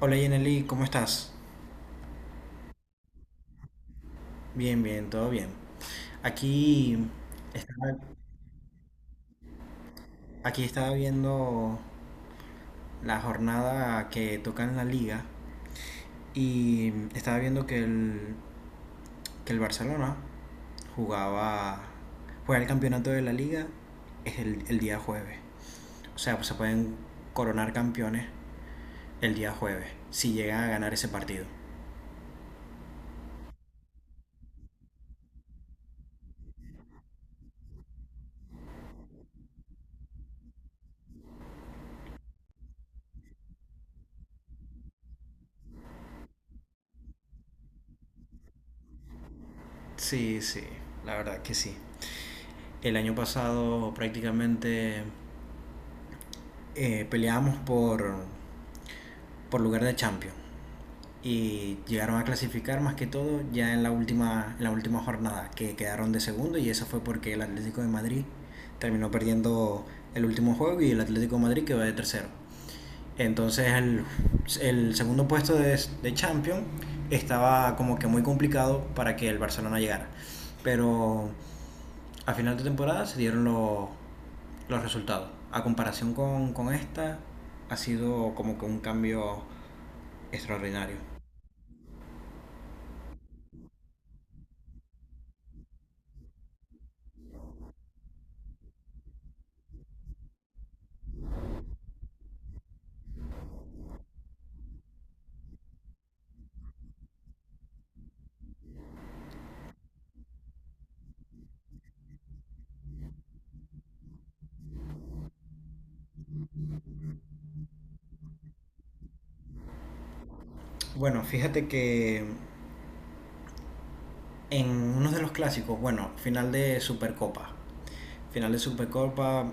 Hola Yaneli, ¿cómo estás? Bien, bien, todo bien. Aquí estaba, aquí estaba viendo la jornada que toca en la liga y estaba viendo que el Barcelona jugaba, juega el campeonato de la liga es el día jueves. O sea, pues se pueden coronar campeones el día jueves si llegan a ganar ese partido. Sí, sí, la verdad que sí. El año pasado prácticamente peleábamos por lugar de champions y llegaron a clasificar más que todo ya en la última jornada que quedaron de segundo y eso fue porque el Atlético de Madrid terminó perdiendo el último juego y el Atlético de Madrid quedó de tercero entonces el segundo puesto de Champions estaba como que muy complicado para que el Barcelona llegara, pero a final de temporada se dieron los resultados. A comparación con esta, ha sido como que un cambio extraordinario. Bueno, fíjate que en uno de los clásicos, bueno, final de Supercopa. Final de Supercopa,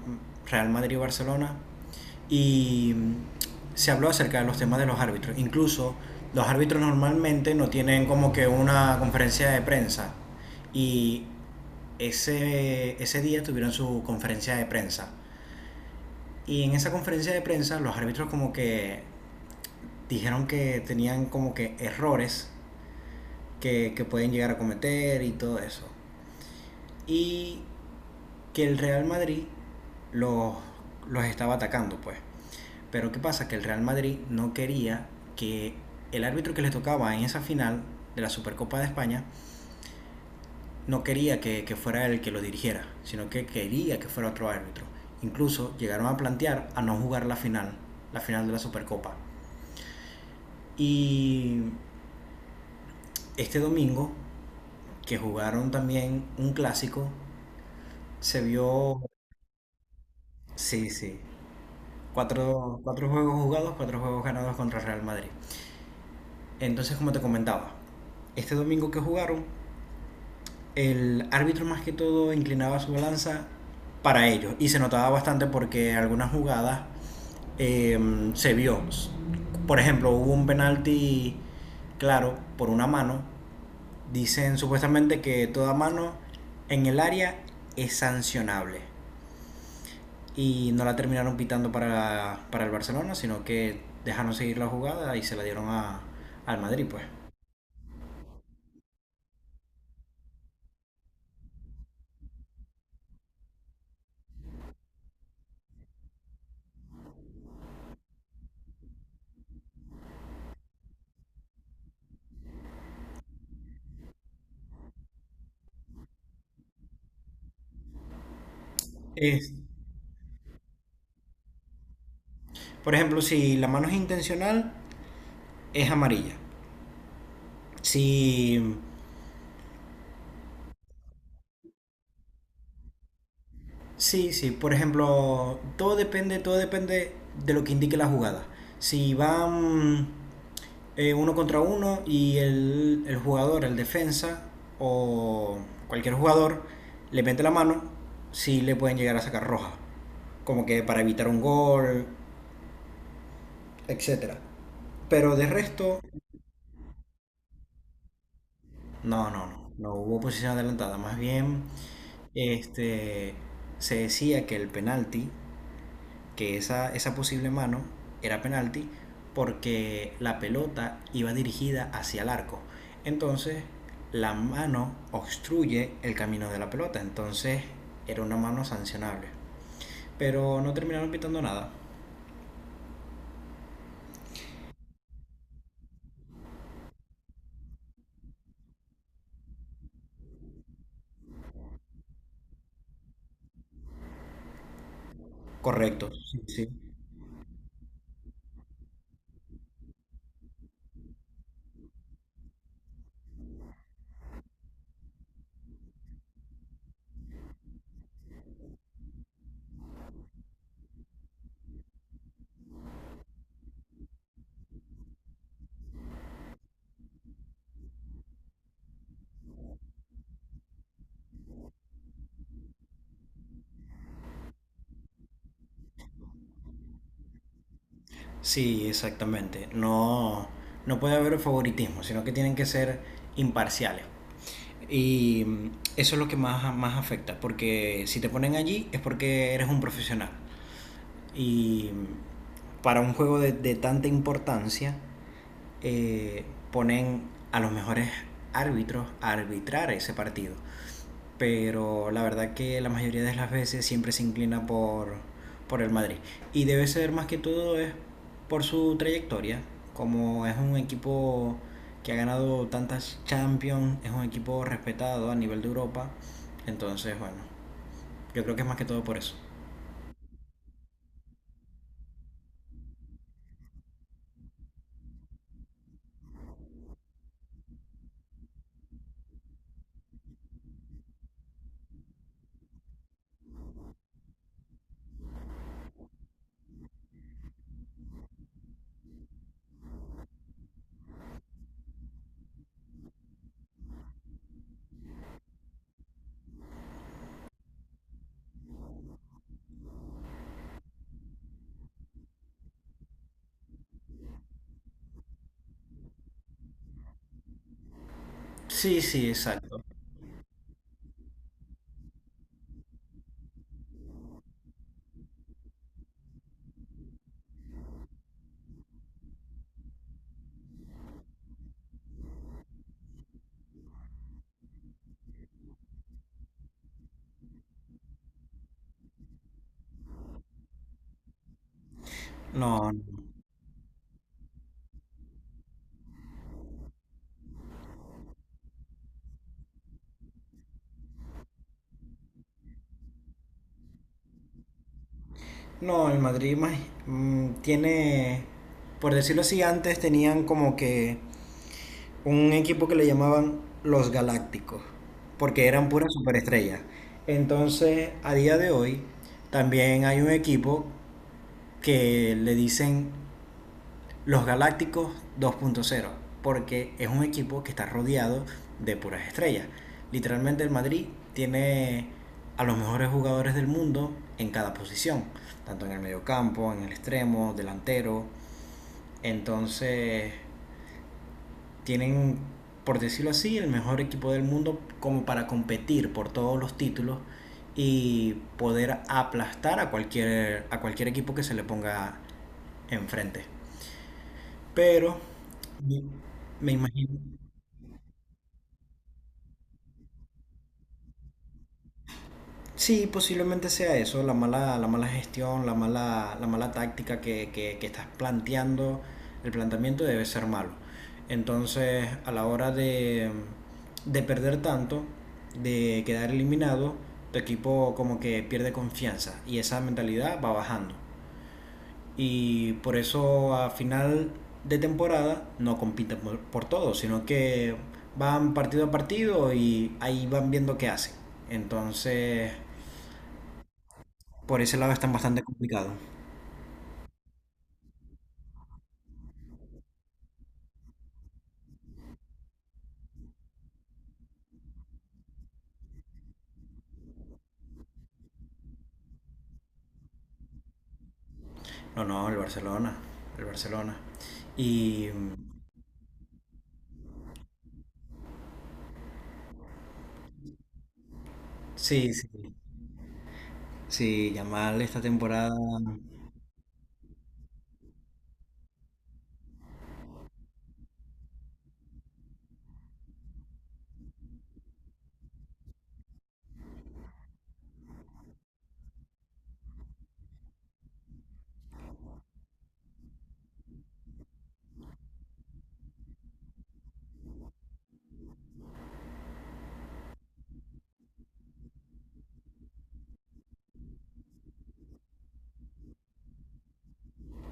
Real Madrid-Barcelona. Y se habló acerca de los temas de los árbitros. Incluso los árbitros normalmente no tienen como que una conferencia de prensa. Y ese día tuvieron su conferencia de prensa. Y en esa conferencia de prensa los árbitros como que dijeron que tenían como que errores que pueden llegar a cometer y todo eso. Y que el Real Madrid los, los estaba atacando, pues. Pero ¿qué pasa? Que el Real Madrid no quería que el árbitro que les tocaba en esa final de la Supercopa de España no quería que fuera el que lo dirigiera, sino que quería que fuera otro árbitro. Incluso llegaron a plantear a no jugar la final de la Supercopa. Y este domingo, que jugaron también un clásico, se vio, sí, sí, cuatro juegos jugados, cuatro juegos ganados contra el Real Madrid. Entonces, como te comentaba, este domingo que jugaron, el árbitro más que todo inclinaba su balanza para ellos y se notaba bastante porque algunas jugadas eh, se vio. Por ejemplo, hubo un penalti claro por una mano. Dicen supuestamente que toda mano en el área es sancionable. Y no la terminaron pitando para el Barcelona, sino que dejaron seguir la jugada y se la dieron al Madrid, pues. Es- por ejemplo, si la mano es intencional, es amarilla. Si, sí, sí, por ejemplo, todo depende de lo que indique la jugada. Si van uno contra uno y el jugador, el defensa o cualquier jugador le mete la mano, sí le pueden llegar a sacar roja, como que para evitar un gol, etcétera. Pero de resto, no, no, no, no hubo posición adelantada, más bien este, se decía que el penalti, que esa posible mano era penalti porque la pelota iba dirigida hacia el arco. Entonces, la mano obstruye el camino de la pelota. Entonces, era una mano sancionable. Pero no terminaron pitando nada. Correcto. Sí, sí. Sí, exactamente. No, no puede haber favoritismo, sino que tienen que ser imparciales. Y eso es lo que más afecta, porque si te ponen allí es porque eres un profesional. Y para un juego de tanta importancia, eh, ponen a los mejores árbitros a arbitrar ese partido. Pero la verdad que la mayoría de las veces siempre se inclina por el Madrid. Y debe ser más que todo es por su trayectoria. Como es un equipo que ha ganado tantas Champions, es un equipo respetado a nivel de Europa. Entonces, bueno, yo creo que es más que todo por eso. Sí, sí, exacto. No, no. No, el Madrid más- mm, tiene, por decirlo así, antes tenían como que un equipo que le llamaban los Galácticos, porque eran puras superestrellas. Entonces, a día de hoy, también hay un equipo que le dicen los Galácticos 2.0, porque es un equipo que está rodeado de puras estrellas. Literalmente el Madrid tiene a los mejores jugadores del mundo en cada posición, tanto en el mediocampo, en el extremo, delantero. Entonces tienen, por decirlo así, el mejor equipo del mundo como para competir por todos los títulos y poder aplastar a cualquier equipo que se le ponga enfrente. Pero me me imagino. Sí, posiblemente sea eso, la mala gestión, la mala táctica que estás planteando, el planteamiento debe ser malo. Entonces, a la hora de perder tanto, de quedar eliminado, tu equipo como que pierde confianza y esa mentalidad va bajando, y por eso a final de temporada no compiten por todo, sino que van partido a partido y ahí van viendo qué hacen. Entonces, por ese lado están bastante complicados. No, no, el Barcelona. Y sí, sí, sí, Yamal esta temporada.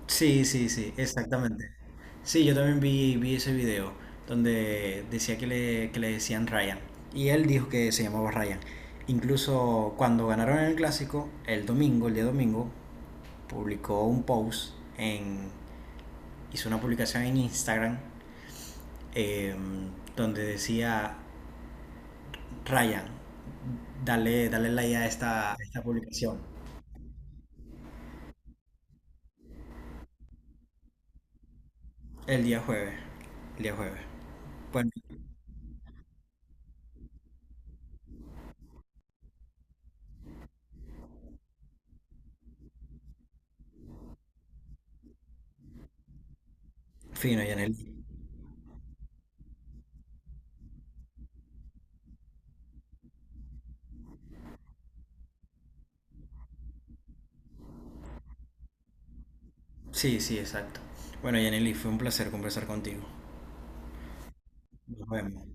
Sí, sí, sí, exactamente. Sí, yo también vi, vi ese video donde decía que que le decían Ryan. Y él dijo que se llamaba Ryan. Incluso cuando ganaron el clásico, el domingo, el día domingo, publicó un post en, hizo una publicación en Instagram, eh, donde decía Ryan, dale like a a esta publicación. El día jueves. El día jueves. Bueno, fino, Yanel. Sí, sí, exacto. Bueno, Yaneli, fue un placer conversar contigo. Nos vemos.